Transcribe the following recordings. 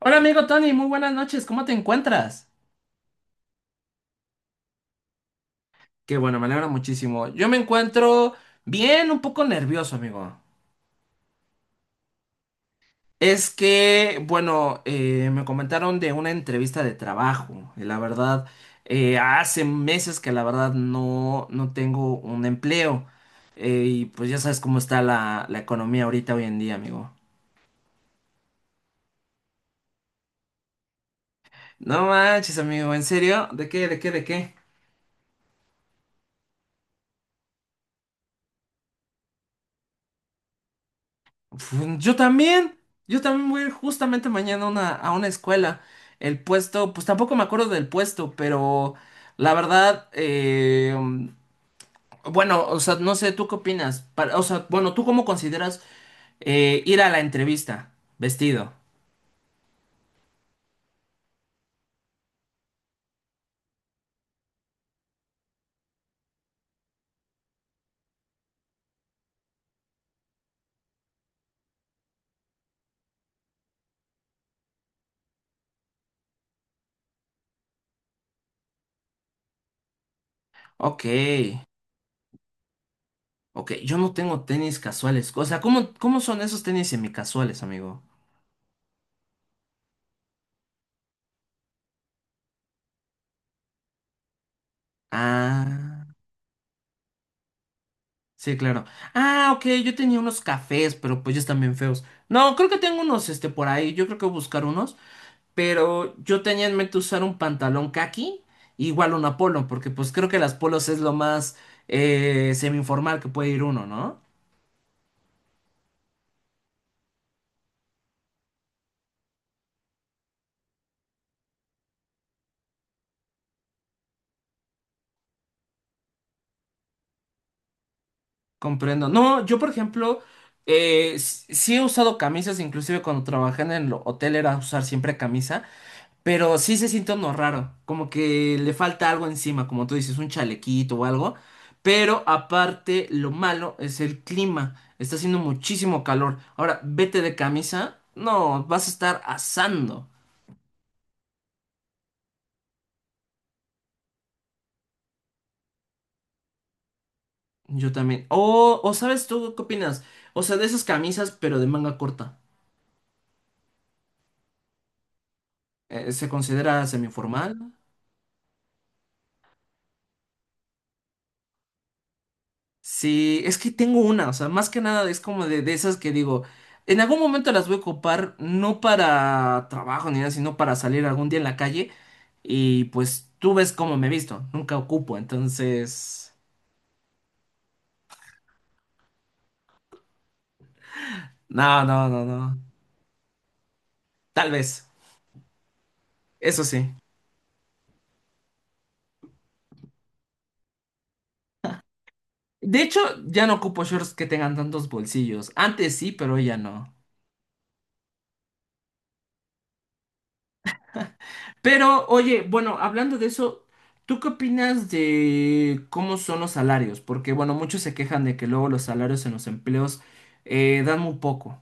Hola amigo Tony, muy buenas noches, ¿cómo te encuentras? Qué bueno, me alegra muchísimo. Yo me encuentro bien, un poco nervioso, amigo. Es que, bueno, me comentaron de una entrevista de trabajo y la verdad, hace meses que la verdad no tengo un empleo. Y pues ya sabes cómo está la economía ahorita hoy en día, amigo. No manches, amigo, ¿en serio? ¿De qué, de qué, de qué? Yo también, voy a ir justamente mañana a una escuela. El puesto, pues tampoco me acuerdo del puesto, pero la verdad, bueno, o sea, no sé, ¿tú qué opinas? O sea, bueno, ¿tú cómo consideras ir a la entrevista vestido? Ok, ok, yo no tengo tenis casuales. O sea, ¿cómo son esos tenis semicasuales, amigo? Ah. Sí, claro. Ah, ok, yo tenía unos cafés, pero pues ya están bien feos. No, creo que tengo unos, este, por ahí. Yo creo que voy a buscar unos. Pero yo tenía en mente usar un pantalón kaki, igual un polo, porque pues creo que las polos es lo más semi-informal que puede ir uno, ¿no? Comprendo. No, yo por ejemplo, sí he usado camisas, inclusive cuando trabajé en el hotel era usar siempre camisa. Pero sí se siente uno raro, como que le falta algo encima, como tú dices, un chalequito o algo. Pero aparte, lo malo es el clima. Está haciendo muchísimo calor. Ahora, vete de camisa. No, vas a estar asando. Yo también. O ¿sabes tú qué opinas? O sea, de esas camisas, pero de manga corta. ¿Se considera semiformal? Sí, es que tengo una, o sea, más que nada es como de esas que digo, en algún momento las voy a ocupar, no para trabajo ni nada, sino para salir algún día en la calle y pues tú ves cómo me visto, nunca ocupo, entonces... No, no, no, no, tal vez, eso sí. De hecho, ya no ocupo shorts que tengan tantos bolsillos, antes sí, pero hoy ya no. Pero, oye, bueno, hablando de eso, ¿tú qué opinas de cómo son los salarios? Porque, bueno, muchos se quejan de que luego los salarios en los empleos dan muy poco.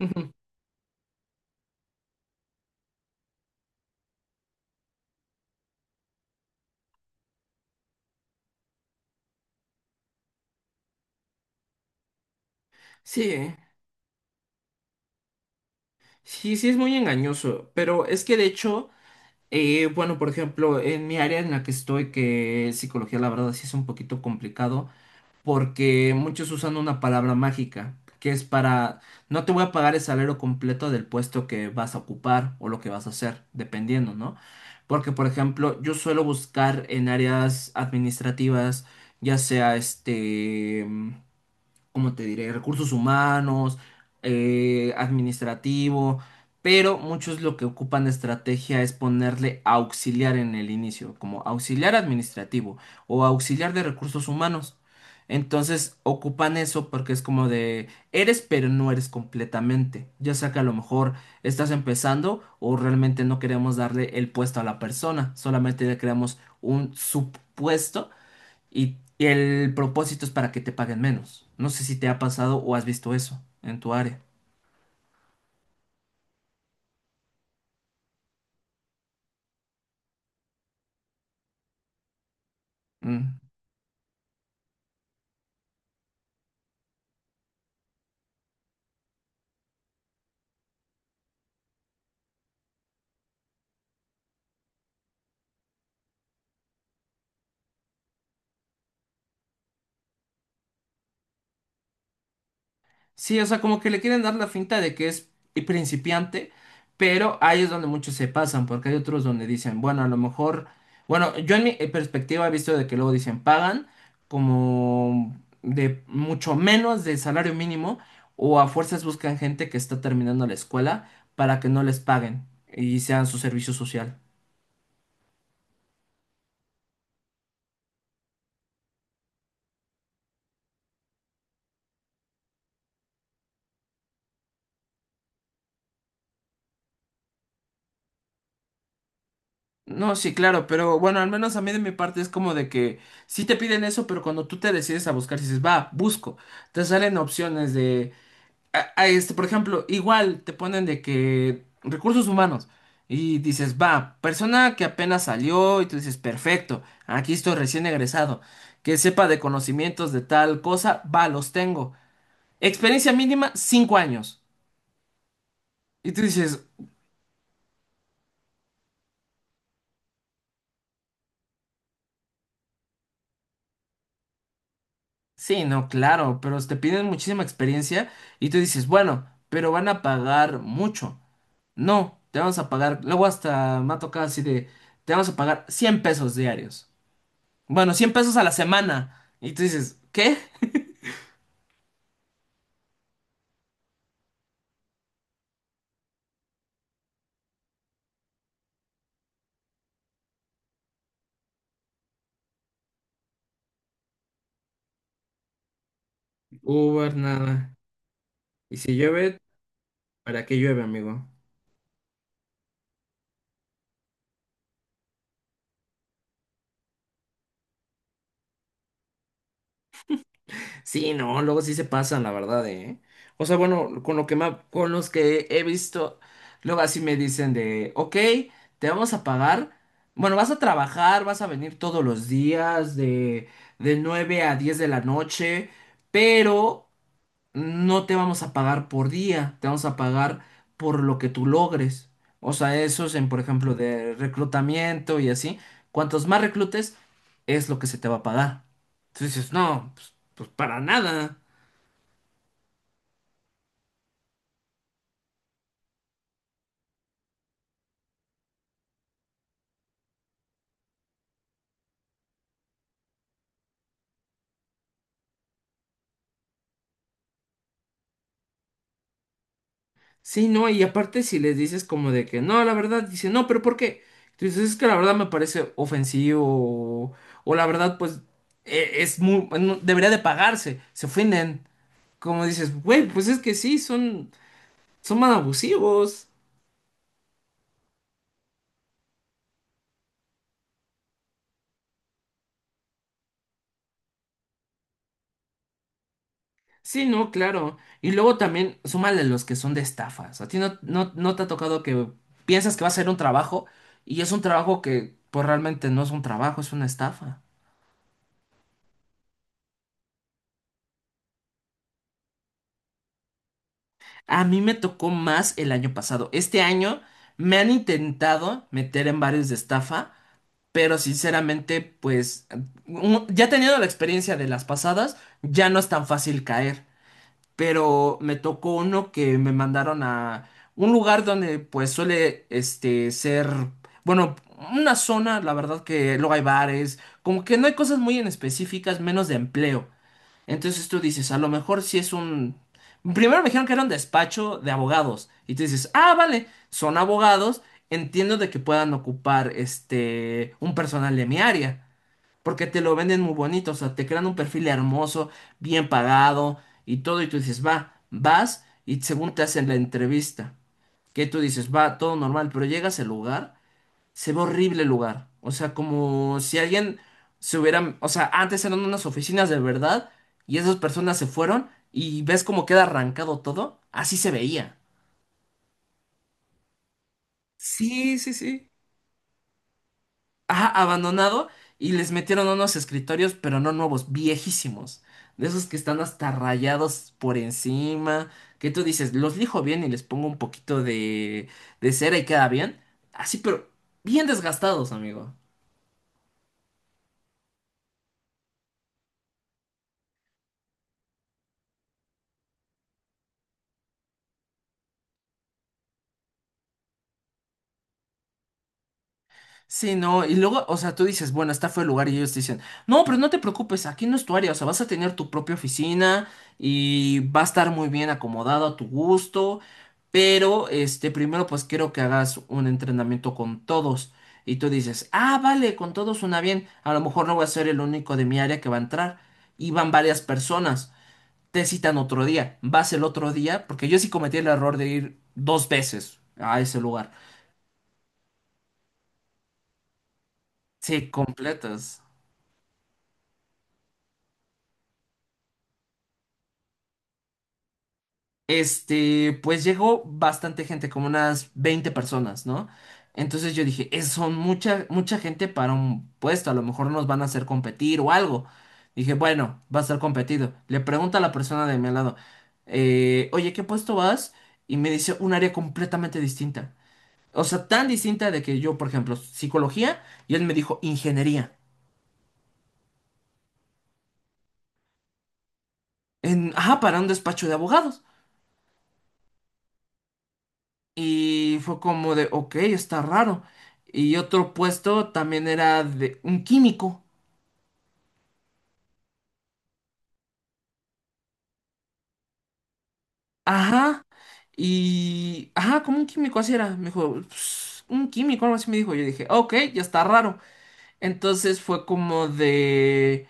Ujú. Sí, eh. Sí, sí, es muy engañoso, pero es que de hecho, bueno, por ejemplo, en mi área en la que estoy, que es psicología, la verdad sí es un poquito complicado. Porque muchos usan una palabra mágica, que es para, no te voy a pagar el salario completo del puesto que vas a ocupar o lo que vas a hacer, dependiendo, ¿no? Porque, por ejemplo, yo suelo buscar en áreas administrativas, ya sea este como te diré? Recursos humanos, administrativo, pero muchos lo que ocupan de estrategia es ponerle auxiliar en el inicio, como auxiliar administrativo o auxiliar de recursos humanos. Entonces ocupan eso porque es como de eres pero no eres completamente. Ya sea que a lo mejor estás empezando o realmente no queremos darle el puesto a la persona, solamente le creamos un supuesto y, el propósito es para que te paguen menos. No sé si te ha pasado o has visto eso en tu área. Mm. Sí, o sea, como que le quieren dar la finta de que es principiante, pero ahí es donde muchos se pasan, porque hay otros donde dicen, bueno, a lo mejor, bueno, yo en mi perspectiva he visto de que luego dicen, pagan como de mucho menos del salario mínimo, o a fuerzas buscan gente que está terminando la escuela para que no les paguen y sean su servicio social. No, sí, claro, pero bueno, al menos a mí de mi parte es como de que sí te piden eso, pero cuando tú te decides a buscar, dices, va, busco, te salen opciones de, a este, por ejemplo, igual te ponen de que recursos humanos y dices, va, persona que apenas salió y tú dices, perfecto, aquí estoy recién egresado, que sepa de conocimientos de tal cosa, va, los tengo. Experiencia mínima, 5 años. Y tú dices, sí, no, claro, pero te piden muchísima experiencia y tú dices, bueno, pero van a pagar mucho. No, te vamos a pagar, luego hasta me ha tocado así de, te vamos a pagar 100 pesos diarios. Bueno, 100 pesos a la semana. Y tú dices, ¿qué? Uber, nada. Y si llueve, ¿para qué llueve, amigo? Sí, no, luego sí se pasan, la verdad, ¿eh? O sea, bueno, con lo que me, con los que he visto, luego así me dicen de, ok, te vamos a pagar, bueno, vas a trabajar, vas a venir todos los días de 9 a 10 de la noche, pero no te vamos a pagar por día, te vamos a pagar por lo que tú logres. O sea, eso es en, por ejemplo, de reclutamiento y así. Cuantos más reclutes, es lo que se te va a pagar. Entonces dices, no, pues para nada. Sí, no, y aparte si les dices como de que no, la verdad, dice, no, pero ¿por qué? Entonces es que la verdad me parece ofensivo o, o la verdad, pues es muy, debería de pagarse, se ofenden. Como dices, güey, pues es que sí, son más abusivos. Sí, no, claro. Y luego también súmale los que son de estafas. A ti no, no te ha tocado que piensas que va a ser un trabajo y es un trabajo que pues realmente no es un trabajo, es una estafa. A mí me tocó más el año pasado. Este año me han intentado meter en varios de estafa, pero sinceramente pues ya teniendo la experiencia de las pasadas, ya no es tan fácil caer. Pero me tocó uno que me mandaron a un lugar donde pues suele este ser, bueno, una zona, la verdad que luego hay bares, como que no hay cosas muy en específicas, menos de empleo. Entonces tú dices, a lo mejor si es un... Primero me dijeron que era un despacho de abogados y tú dices, ah, vale, son abogados, entiendo de que puedan ocupar este un personal de mi área. Porque te lo venden muy bonito, o sea, te crean un perfil hermoso, bien pagado y todo, y tú dices, va, vas, y según te hacen la entrevista, que tú dices, va, todo normal, pero llegas al lugar, se ve horrible el lugar, o sea, como si alguien se hubiera, o sea, antes eran unas oficinas de verdad, y esas personas se fueron, y ves cómo queda arrancado todo, así se veía. Sí, sí, sí. Ajá, abandonado y les metieron unos escritorios, pero no nuevos, viejísimos. De esos que están hasta rayados por encima, que tú dices, los lijo bien y les pongo un poquito de cera y queda bien. Así, pero bien desgastados, amigo. Sí, no, y luego, o sea, tú dices, bueno, este fue el lugar y ellos te dicen, no, pero no te preocupes, aquí no es tu área, o sea, vas a tener tu propia oficina y va a estar muy bien acomodado a tu gusto, pero, este, primero pues quiero que hagas un entrenamiento con todos. Y tú dices, ah, vale, con todos suena bien, a lo mejor no voy a ser el único de mi área que va a entrar. Y van varias personas, te citan otro día, vas el otro día, porque yo sí cometí el error de ir dos veces a ese lugar. Sí, completas. Este, pues llegó bastante gente, como unas 20 personas, ¿no? Entonces yo dije, es, son mucha, mucha gente para un puesto, a lo mejor nos van a hacer competir o algo. Dije, bueno, va a ser competido. Le pregunto a la persona de mi lado, oye, ¿qué puesto vas? Y me dice un área completamente distinta. O sea, tan distinta de que yo, por ejemplo, psicología, y él me dijo ingeniería. En, ajá, para un despacho de abogados. Y fue como de, ok, está raro. Y otro puesto también era de un químico. Ajá. Y, ajá, como un químico, así era. Me dijo, "Pues, un químico, algo así me dijo". Yo dije, ok, ya está raro. Entonces fue como de...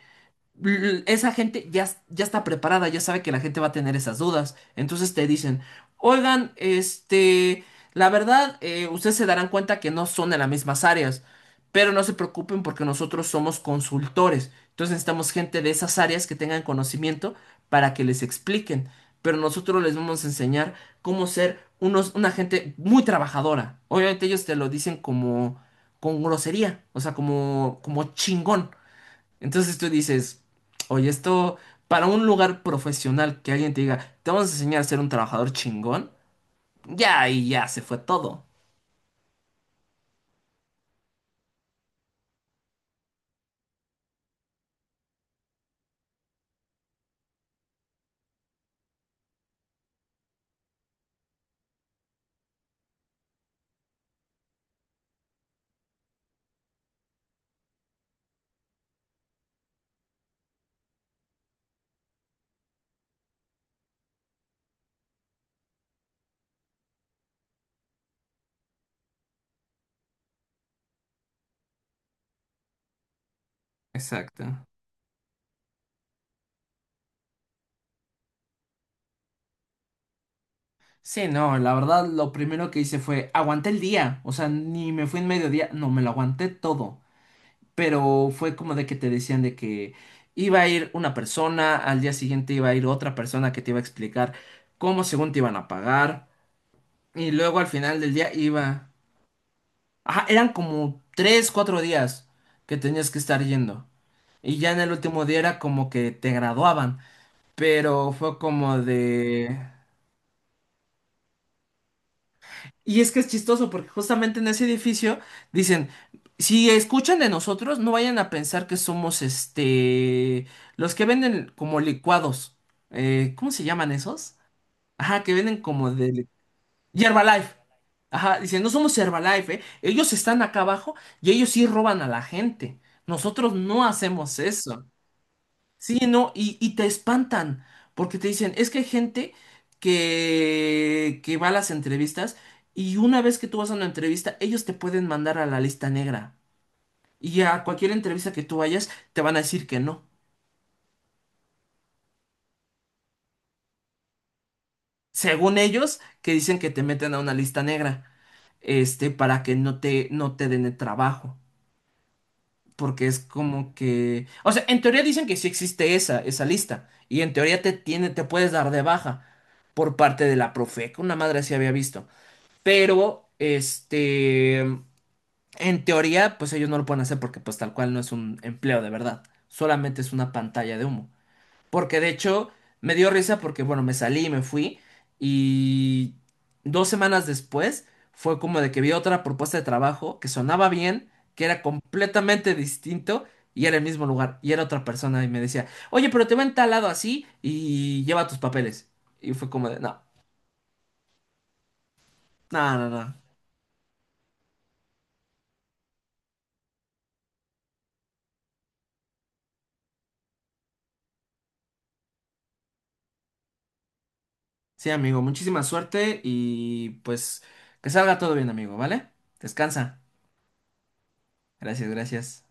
Esa gente ya, ya está preparada, ya sabe que la gente va a tener esas dudas. Entonces te dicen, oigan, este, la verdad, ustedes se darán cuenta que no son de las mismas áreas, pero no se preocupen porque nosotros somos consultores. Entonces necesitamos gente de esas áreas que tengan conocimiento para que les expliquen. Pero nosotros les vamos a enseñar cómo ser unos, una gente muy trabajadora. Obviamente ellos te lo dicen como con grosería, o sea, como chingón. Entonces tú dices, oye, esto para un lugar profesional que alguien te diga, te vamos a enseñar a ser un trabajador chingón, ya y ya se fue todo. Exacto. Sí, no, la verdad lo primero que hice fue aguanté el día, o sea, ni me fui en mediodía, no, me lo aguanté todo, pero fue como de que te decían de que iba a ir una persona, al día siguiente iba a ir otra persona que te iba a explicar cómo según te iban a pagar, y luego al final del día iba... Ajá, eran como 3, 4 días que tenías que estar yendo. Y ya en el último día era como que te graduaban. Pero fue como de... Y es que es chistoso porque justamente en ese edificio dicen, si escuchan de nosotros, no vayan a pensar que somos este... los que venden como licuados. ¿Cómo se llaman esos? Ajá, que venden como de... Y Herbalife. Ajá, dicen, no somos Herbalife, ¿eh? Ellos están acá abajo y ellos sí roban a la gente. Nosotros no hacemos eso. Sí, no, y te espantan porque te dicen, es que hay gente que va a las entrevistas y una vez que tú vas a una entrevista, ellos te pueden mandar a la lista negra. Y a cualquier entrevista que tú vayas, te van a decir que no. Según ellos, que dicen que te meten a una lista negra, este, para que no te den el trabajo. Porque es como que, o sea, en teoría dicen que sí existe esa lista, y en teoría te tiene, te puedes dar de baja por parte de la Profeca, una madre sí había visto, pero, este, en teoría, pues ellos no lo pueden hacer porque pues tal cual no es un empleo de verdad, solamente es una pantalla de humo. Porque de hecho me dio risa porque, bueno, me salí, me fui y 2 semanas después fue como de que vi otra propuesta de trabajo que sonaba bien, que era completamente distinto y era el mismo lugar y era otra persona y me decía, oye, pero te ven tal lado así y lleva tus papeles. Y fue como de, no, no, no, no. Sí, amigo, muchísima suerte y pues que salga todo bien, amigo, ¿vale? Descansa. Gracias, gracias.